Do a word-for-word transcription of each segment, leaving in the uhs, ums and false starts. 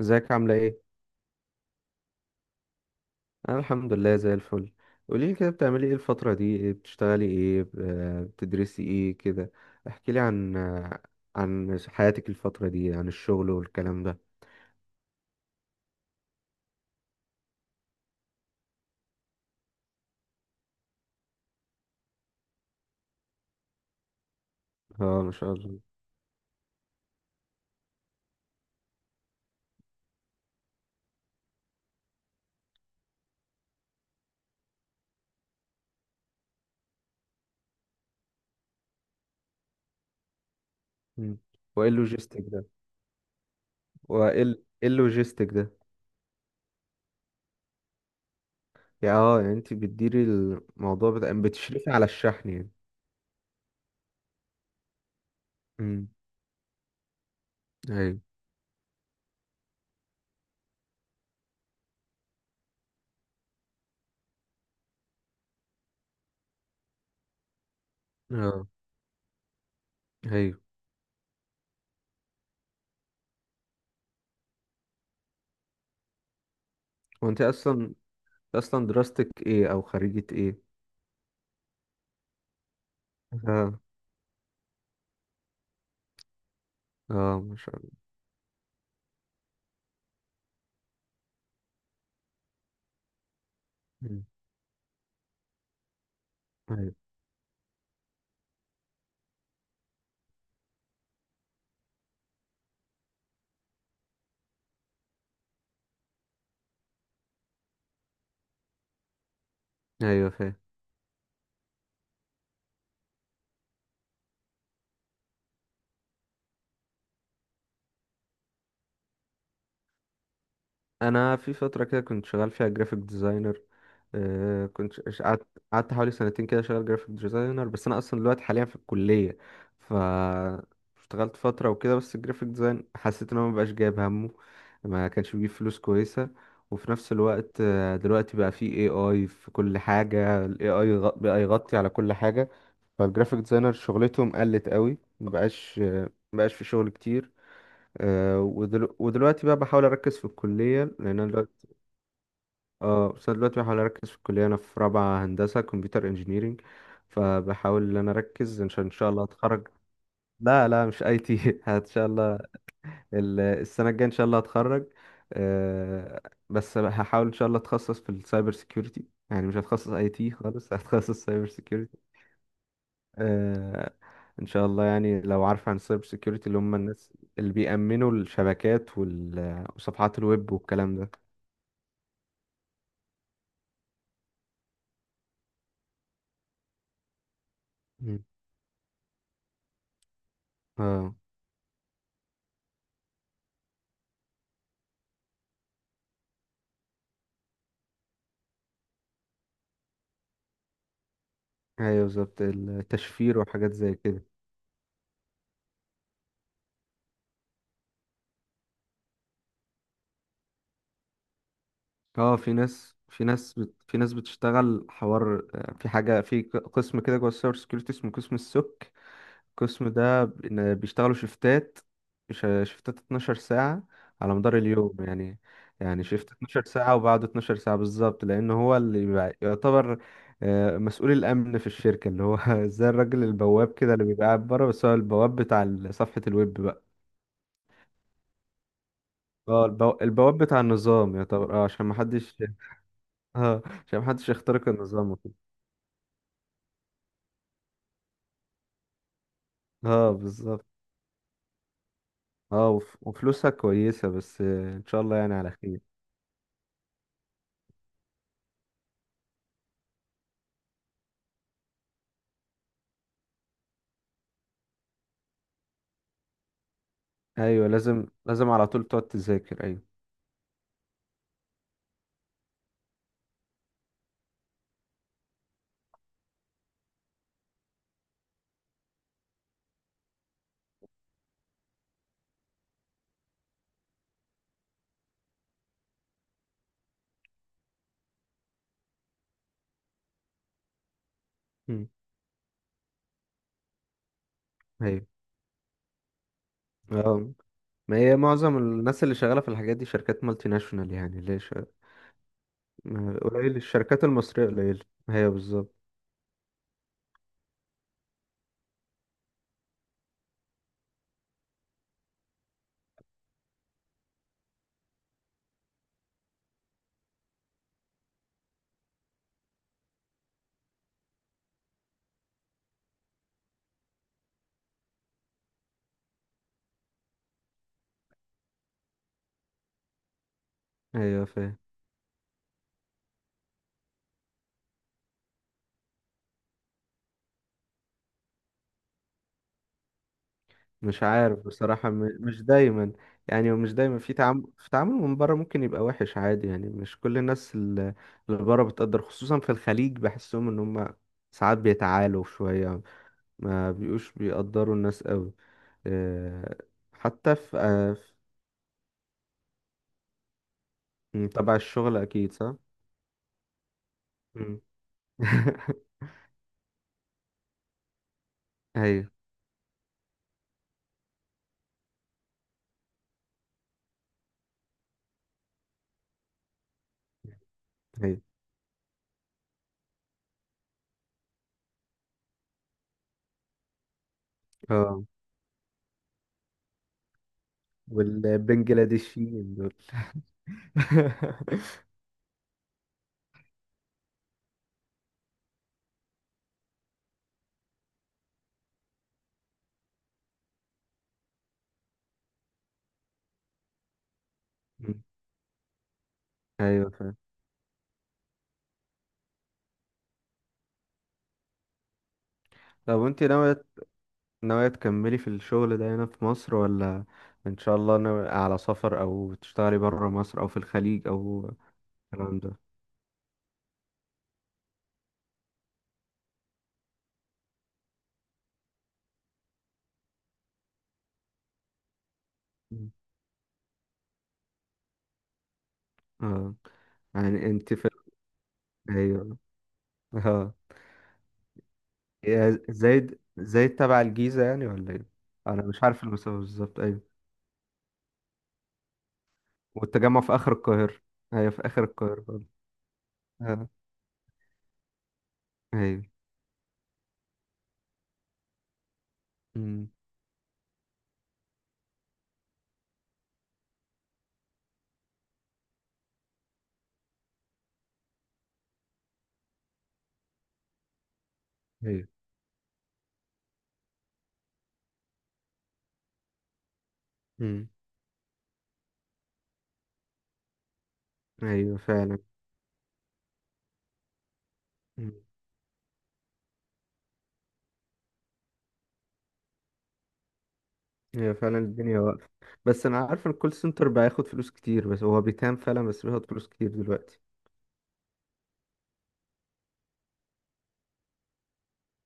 ازيك عاملة ايه؟ انا الحمد لله زي الفل. قوليلي كده بتعملي ايه الفترة دي، إيه بتشتغلي ايه ب- آه، بتدرسي ايه كده. احكيلي عن آه، عن حياتك الفترة دي، عن الشغل والكلام ده. اه ما شاء الله. مم. وايه اللوجيستيك ده؟ وايه ال- ايه اللوجيستيك ده؟ يا اه يعني انت بتديري الموضوع بتاع، بتشرفي على الشحن يعني. امم. ايوه. اه. ايوه. وانت اصلا، اصلا دراستك ايه او خريجة ايه؟ اه. اه ما شاء الله. مم. ايوه. ايوه فاهم. انا في فتره كده كنت شغال فيها جرافيك ديزاينر، آه كنت ش- ش- قعدت، قعدت حوالي سنتين كده شغال جرافيك ديزاينر، بس انا اصلا دلوقتي حاليا في الكليه. ف اشتغلت فتره وكده، بس الجرافيك ديزاين حسيت ان هو مبقاش جايب همه، ما كانش بيجيب فلوس كويسه. وفي نفس الوقت آه، دلوقتي بقى في اي اي، في كل حاجه الاي اي بقى يغطي على كل حاجه. فالجرافيك ديزاينر شغلتهم قلت قوي، مبقاش آه، مبقاش في شغل كتير. آه، ودلو... ودلوقتي بقى بحاول اركز في الكليه لان انا دلوقتي، اه بس أنا دلوقتي بحاول اركز في الكليه. انا في رابعه هندسه كمبيوتر انجينيرينج، فبحاول ان انا اركز عشان ان شاء الله اتخرج. لا لا مش اي تي ان شاء الله ال- السنه الجايه ان شاء الله هتخرج. آه، بس هحاول ان شاء الله اتخصص في السايبر سيكيورتي، يعني مش هتخصص اي تي خالص هتخصص سايبر سيكيورتي. آه، ان شاء الله يعني لو عارف عن السايبر سيكيورتي، اللي هم الناس اللي بيأمنوا الشبكات وال- وصفحات الويب والكلام ده. مم. اه ايوه بالظبط، التشفير وحاجات زي كده. اه في ناس، في ناس بت... في ناس بتشتغل حوار، آه، في حاجه في ق- قسم كده جوه السايبر سكيورتي اسمه قسم السك. القسم ده ب- إن بيشتغلوا شيفتات، ش- شيفتات اتناشر ساعه على مدار اليوم يعني. يعني شيفت اتناشر ساعه وبعد اتناشر ساعه بالظبط لان هو اللي بيبقى، يعتبر آه، مسؤول الامن في الشركه، اللي هو زي الراجل البواب كده اللي بيبقى قاعد بره، بس هو البواب بتاع ال- صفحه الويب. اه البو... البواب بتاع النظام يعتبر، اه عشان محدش، اه عشان محدش يخترق النظام وكده. اه بالظبط. اه وف... وفلوسها كويسة، بس آه، ان شاء الله يعني على خير. ايوه لازم لازم على طول تقعد تذاكر ايوه. مم. ايوه. اه ما هي معظم الناس اللي شغالة في الحاجات دي شركات مالتي ناشونال، يعني ليه ش... ما- قليل، الشركات المصرية قليلة ايوه بالظبط. ايوه فاهم. مش عارف بصراحة، م- مش دايما يعني، ومش دايما في تعامل، في تعامل من بره ممكن يبقى وحش عادي، يعني مش كل الناس اللي اللي بره بتقدر، خصوصا في الخليج بحسهم ان هم ساعات بيتعالوا شوية، ما بيقوش بيقدروا الناس قوي. آه، حتى في آه، في- تبع الشغل اكيد صح؟ مم. ايوه. ايوه. اه. والبنجلاديشيين دول مم. ايوه فاهم. طب وانت ناوية، ناوية تكملي في الشغل ده هنا في مصر، ولا إن شاء الله ناوية على سفر أو تشتغلي برا مصر أو في الخليج أو الكلام ده. مم. اه يعني أنت في، أيوه، اه. يا زايد، زايد تبع الجيزة يعني ولا إيه؟ أنا مش عارف المسافة بالظبط أيوه. والتجمع في آخر القاهرة، أيوه في آخر القاهرة برضه. اه. أيوه. مم. أيوه. مم. أيوه فعلا. هي فعلا الدنيا واقفة، بس أنا عارف إن الكول سنتر بياخد فلوس كتير، بس هو بيتهان فعلا، بس بياخد فلوس كتير دلوقتي.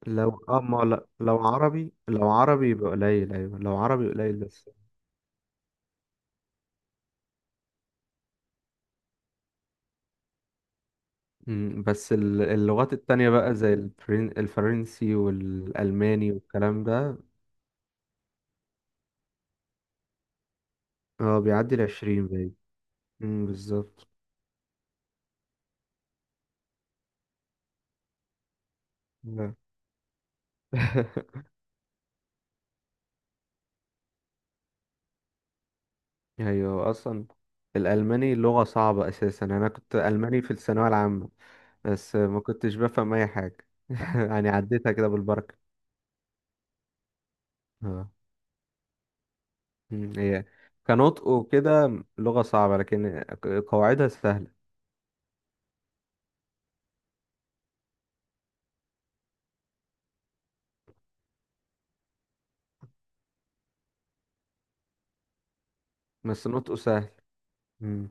لو اه، ما لا لو عربي، لو عربي يبقى قليل، أيوة لو عربي قليل بس. مم، بس ال- اللغات التانية بقى زي الفرن... الفرنسي والألماني والكلام ده. اه بيعدي العشرين باين. مم، بالظبط. لا. أيوة أصلا. الألماني لغة صعبة أساسا، أنا كنت ألماني في الثانوية العامة، بس ما كنتش بفهم أي حاجة يعني عديتها كده بالبركة. اه. مم، هي كنطق وكده لغة صعبة، لكن قواعدها سهلة. بس نطقه سهل. مم.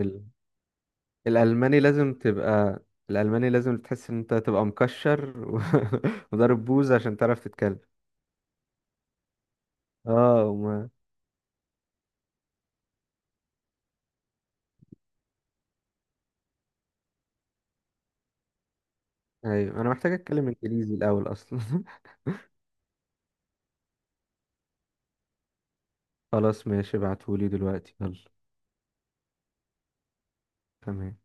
ال... الألماني لازم تبقى، الألماني لازم تحس إن أنت تبقى مكشر و- وضارب بوز عشان تعرف تتكلم. اه وما... أيوة أنا محتاج أتكلم إنجليزي الأول أصلا خلاص ماشي ابعتهولي دلوقتي يلا. تمام.